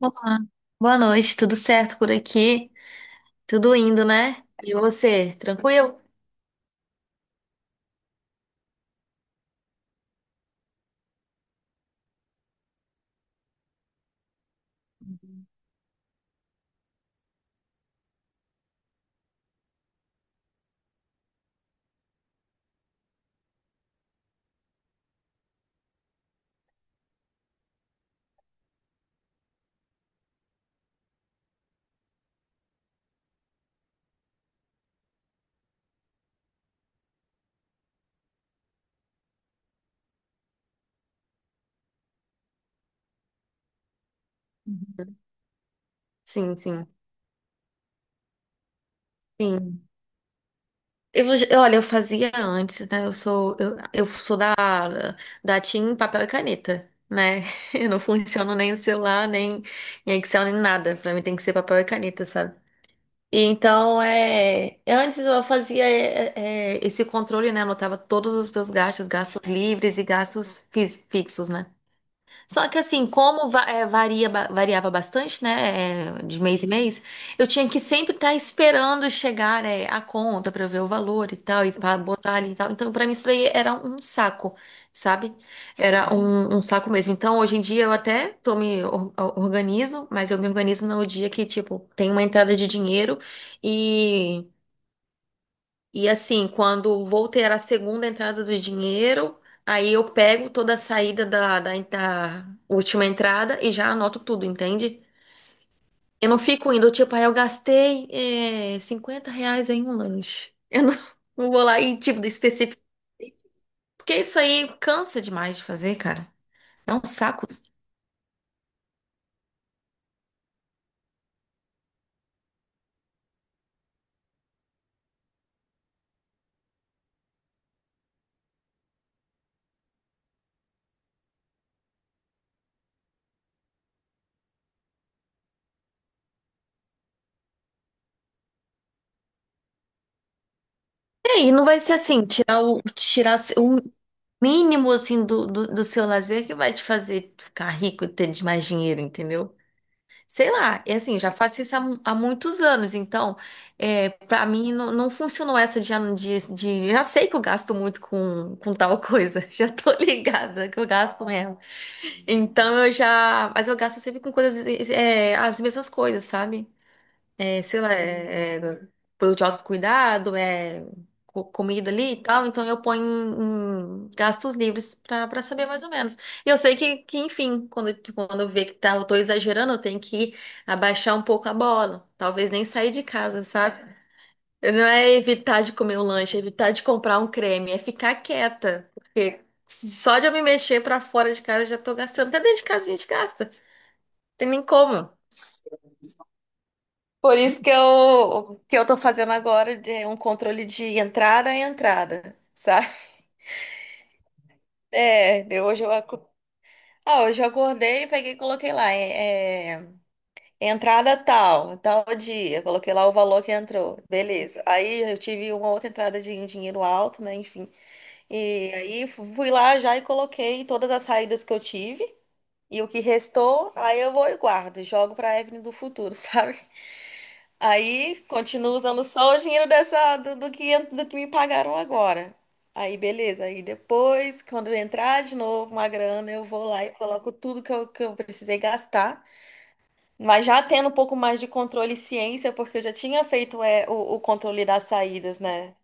Olá, boa noite, tudo certo por aqui? Tudo indo, né? E você, tranquilo? Uhum. Sim, sim, sim. Olha, eu fazia antes, né? Eu sou da Team Papel e Caneta, né? Eu não funciono nem o celular, nem em Excel, nem nada. Pra mim tem que ser papel e caneta, sabe? E então, antes eu fazia esse controle, né? Anotava todos os meus gastos, gastos livres e gastos fixos, né? Só que assim, como variava bastante, né, de mês em mês, eu tinha que sempre estar esperando chegar, a conta para ver o valor e tal, e para botar ali e tal. Então, para mim, isso daí era um saco, sabe? Era um saco mesmo. Então, hoje em dia, eu até tô me organizo, mas eu me organizo no dia que, tipo, tem uma entrada de dinheiro e assim, quando vou ter a segunda entrada do dinheiro, aí eu pego toda a saída da última entrada e já anoto tudo, entende? Eu não fico indo, tipo, ah, eu gastei R$ 50 em um lanche. Eu não, não vou lá e, tipo, específico. Porque isso aí cansa demais de fazer, cara. É um saco. E aí, não vai ser assim, tirar o mínimo, assim, do seu lazer que vai te fazer ficar rico e ter mais dinheiro, entendeu? Sei lá, é assim, já faço isso há muitos anos, então, para mim não funcionou essa Já sei que eu gasto muito com tal coisa, já tô ligada que eu gasto mesmo. Então eu já. Mas eu gasto sempre com coisas, as mesmas coisas, sabe? Sei lá, produto de autocuidado, é comida ali e tal, então eu ponho em gastos livres para saber mais ou menos. E eu sei que enfim, quando eu ver que tá, eu tô exagerando, eu tenho que abaixar um pouco a bola, talvez nem sair de casa, sabe? Não é evitar de comer um lanche, é evitar de comprar um creme, é ficar quieta, porque só de eu me mexer para fora de casa eu já tô gastando. Até dentro de casa a gente gasta, tem nem como. Por isso que eu, o que eu tô fazendo agora de um controle de entrada e entrada, sabe? É, eu- hoje eu, aco- ah, hoje eu acordei, peguei e coloquei lá, entrada tal dia, coloquei lá o valor que entrou, beleza. Aí eu tive uma outra entrada de um dinheiro alto, né, enfim. E aí fui lá já e coloquei todas as saídas que eu tive. E o que restou, aí eu vou e guardo, jogo para a Evelyn do futuro, sabe? Aí continuo usando só o dinheiro dessa, do que me pagaram agora. Aí beleza, aí depois, quando entrar de novo uma grana, eu vou lá e coloco tudo que eu precisei gastar. Mas já tendo um pouco mais de controle e ciência, porque eu já tinha feito o controle das saídas, né?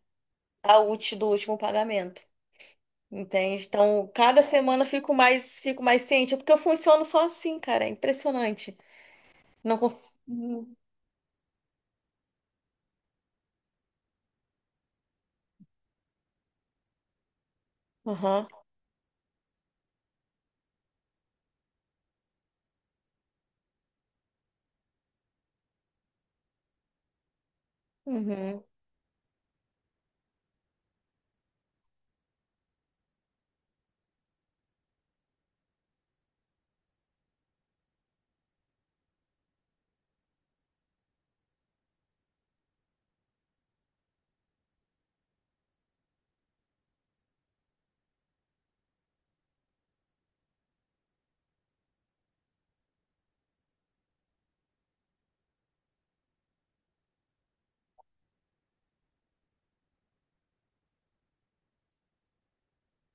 A útil do último pagamento. Entende? Então, cada semana eu fico mais ciente, porque eu funciono só assim, cara. É impressionante. Não consigo. Aham. Uhum.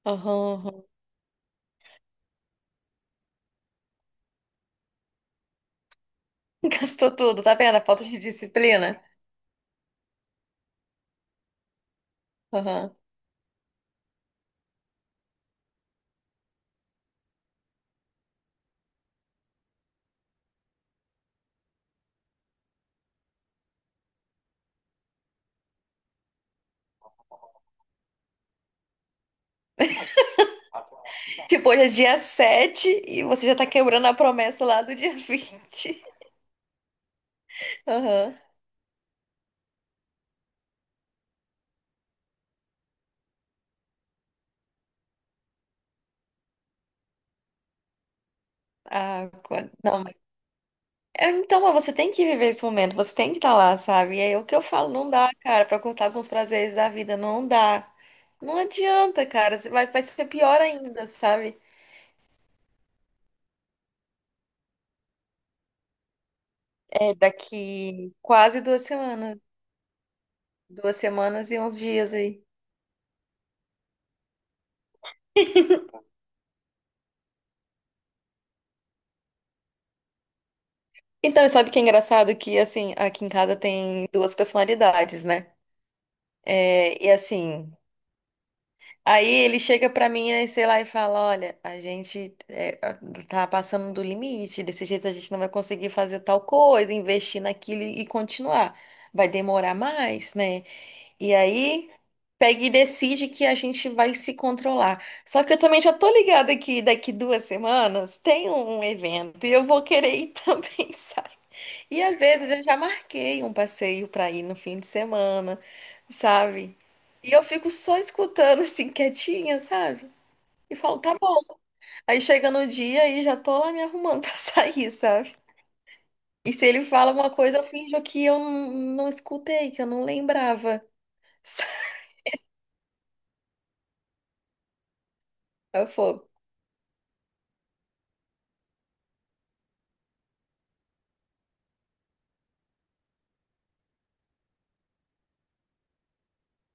Aham. Aham. Gastou tudo, tá vendo? A falta de disciplina. Aham. Tipo, hoje é dia 7 e você já tá quebrando a promessa lá do dia 20. Aham. Não, então, mas você tem que viver esse momento, você tem que estar lá, sabe? E aí o que eu falo, não dá, cara, pra contar com os prazeres da vida, não dá. Não adianta, cara, você vai ser pior ainda, sabe? É daqui quase 2 semanas, 2 semanas e uns dias aí. Então, sabe o que é engraçado? Que, assim, aqui em casa tem duas personalidades, né? E assim, aí ele chega pra mim, né, sei lá, e fala: Olha, a gente tá passando do limite, desse jeito a gente não vai conseguir fazer tal coisa, investir naquilo e continuar. Vai demorar mais, né? E aí pega e decide que a gente vai se controlar. Só que eu também já tô ligada que daqui 2 semanas tem um evento e eu vou querer ir também, sabe? E às vezes eu já marquei um passeio para ir no fim de semana, sabe? E eu fico só escutando assim, quietinha, sabe? E falo, tá bom. Aí chega no dia e já tô lá me arrumando pra sair, sabe? E se ele fala alguma coisa, eu finjo que eu não escutei, que eu não lembrava. Aí eu falo,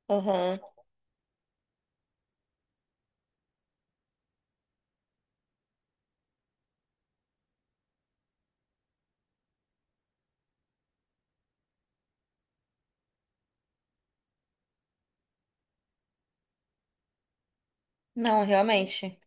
aham. Não, realmente.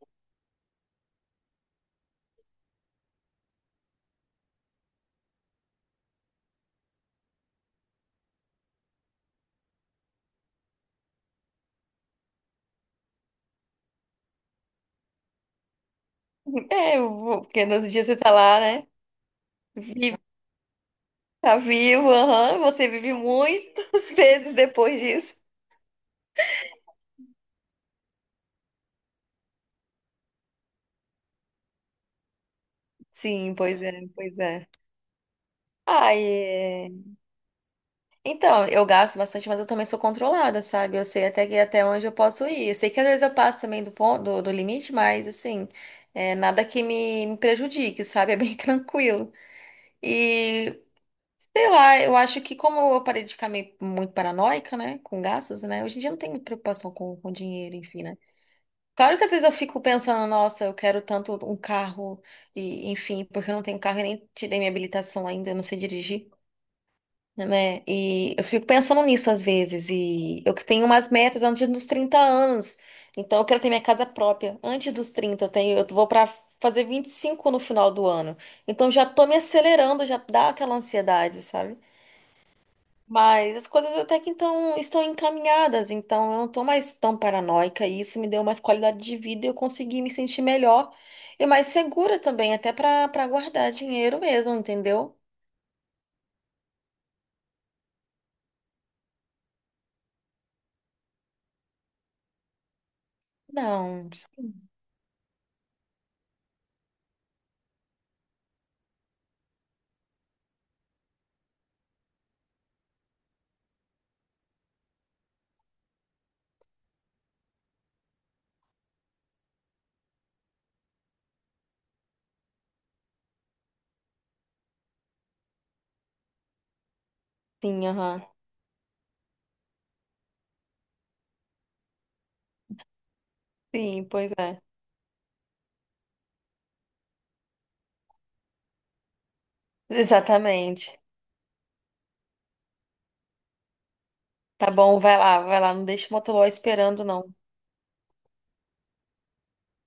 Porque nos dias você tá lá, né? Vivo, tá vivo, aham. Você vive muitas vezes depois disso. Sim, pois é, pois é. Ah, e... Então, eu gasto bastante, mas eu também sou controlada, sabe? Eu sei até que até onde eu posso ir. Eu sei que às vezes eu passo também do ponto, do limite, mas assim, é nada que me prejudique, sabe? É bem tranquilo. E sei lá, eu acho que como eu parei de ficar meio, muito paranoica, né, com gastos, né? Hoje em dia eu não tenho muita preocupação com dinheiro, enfim, né? Claro que às vezes eu fico pensando, nossa, eu quero tanto um carro e, enfim, porque eu não tenho carro e nem tirei minha habilitação ainda, eu não sei dirigir, né? E eu fico pensando nisso às vezes. E eu que tenho umas metas antes dos 30 anos. Então eu quero ter minha casa própria antes dos 30. Eu vou para fazer 25 no final do ano. Então já tô me acelerando, já dá aquela ansiedade, sabe? Mas as coisas até que então estão encaminhadas, então eu não tô mais tão paranoica e isso me deu mais qualidade de vida e eu consegui me sentir melhor e mais segura também, até para guardar dinheiro mesmo, entendeu? Não, sim, aham. Sim, pois é. Exatamente. Tá bom, vai lá, vai lá. Não deixa o motoboy esperando, não.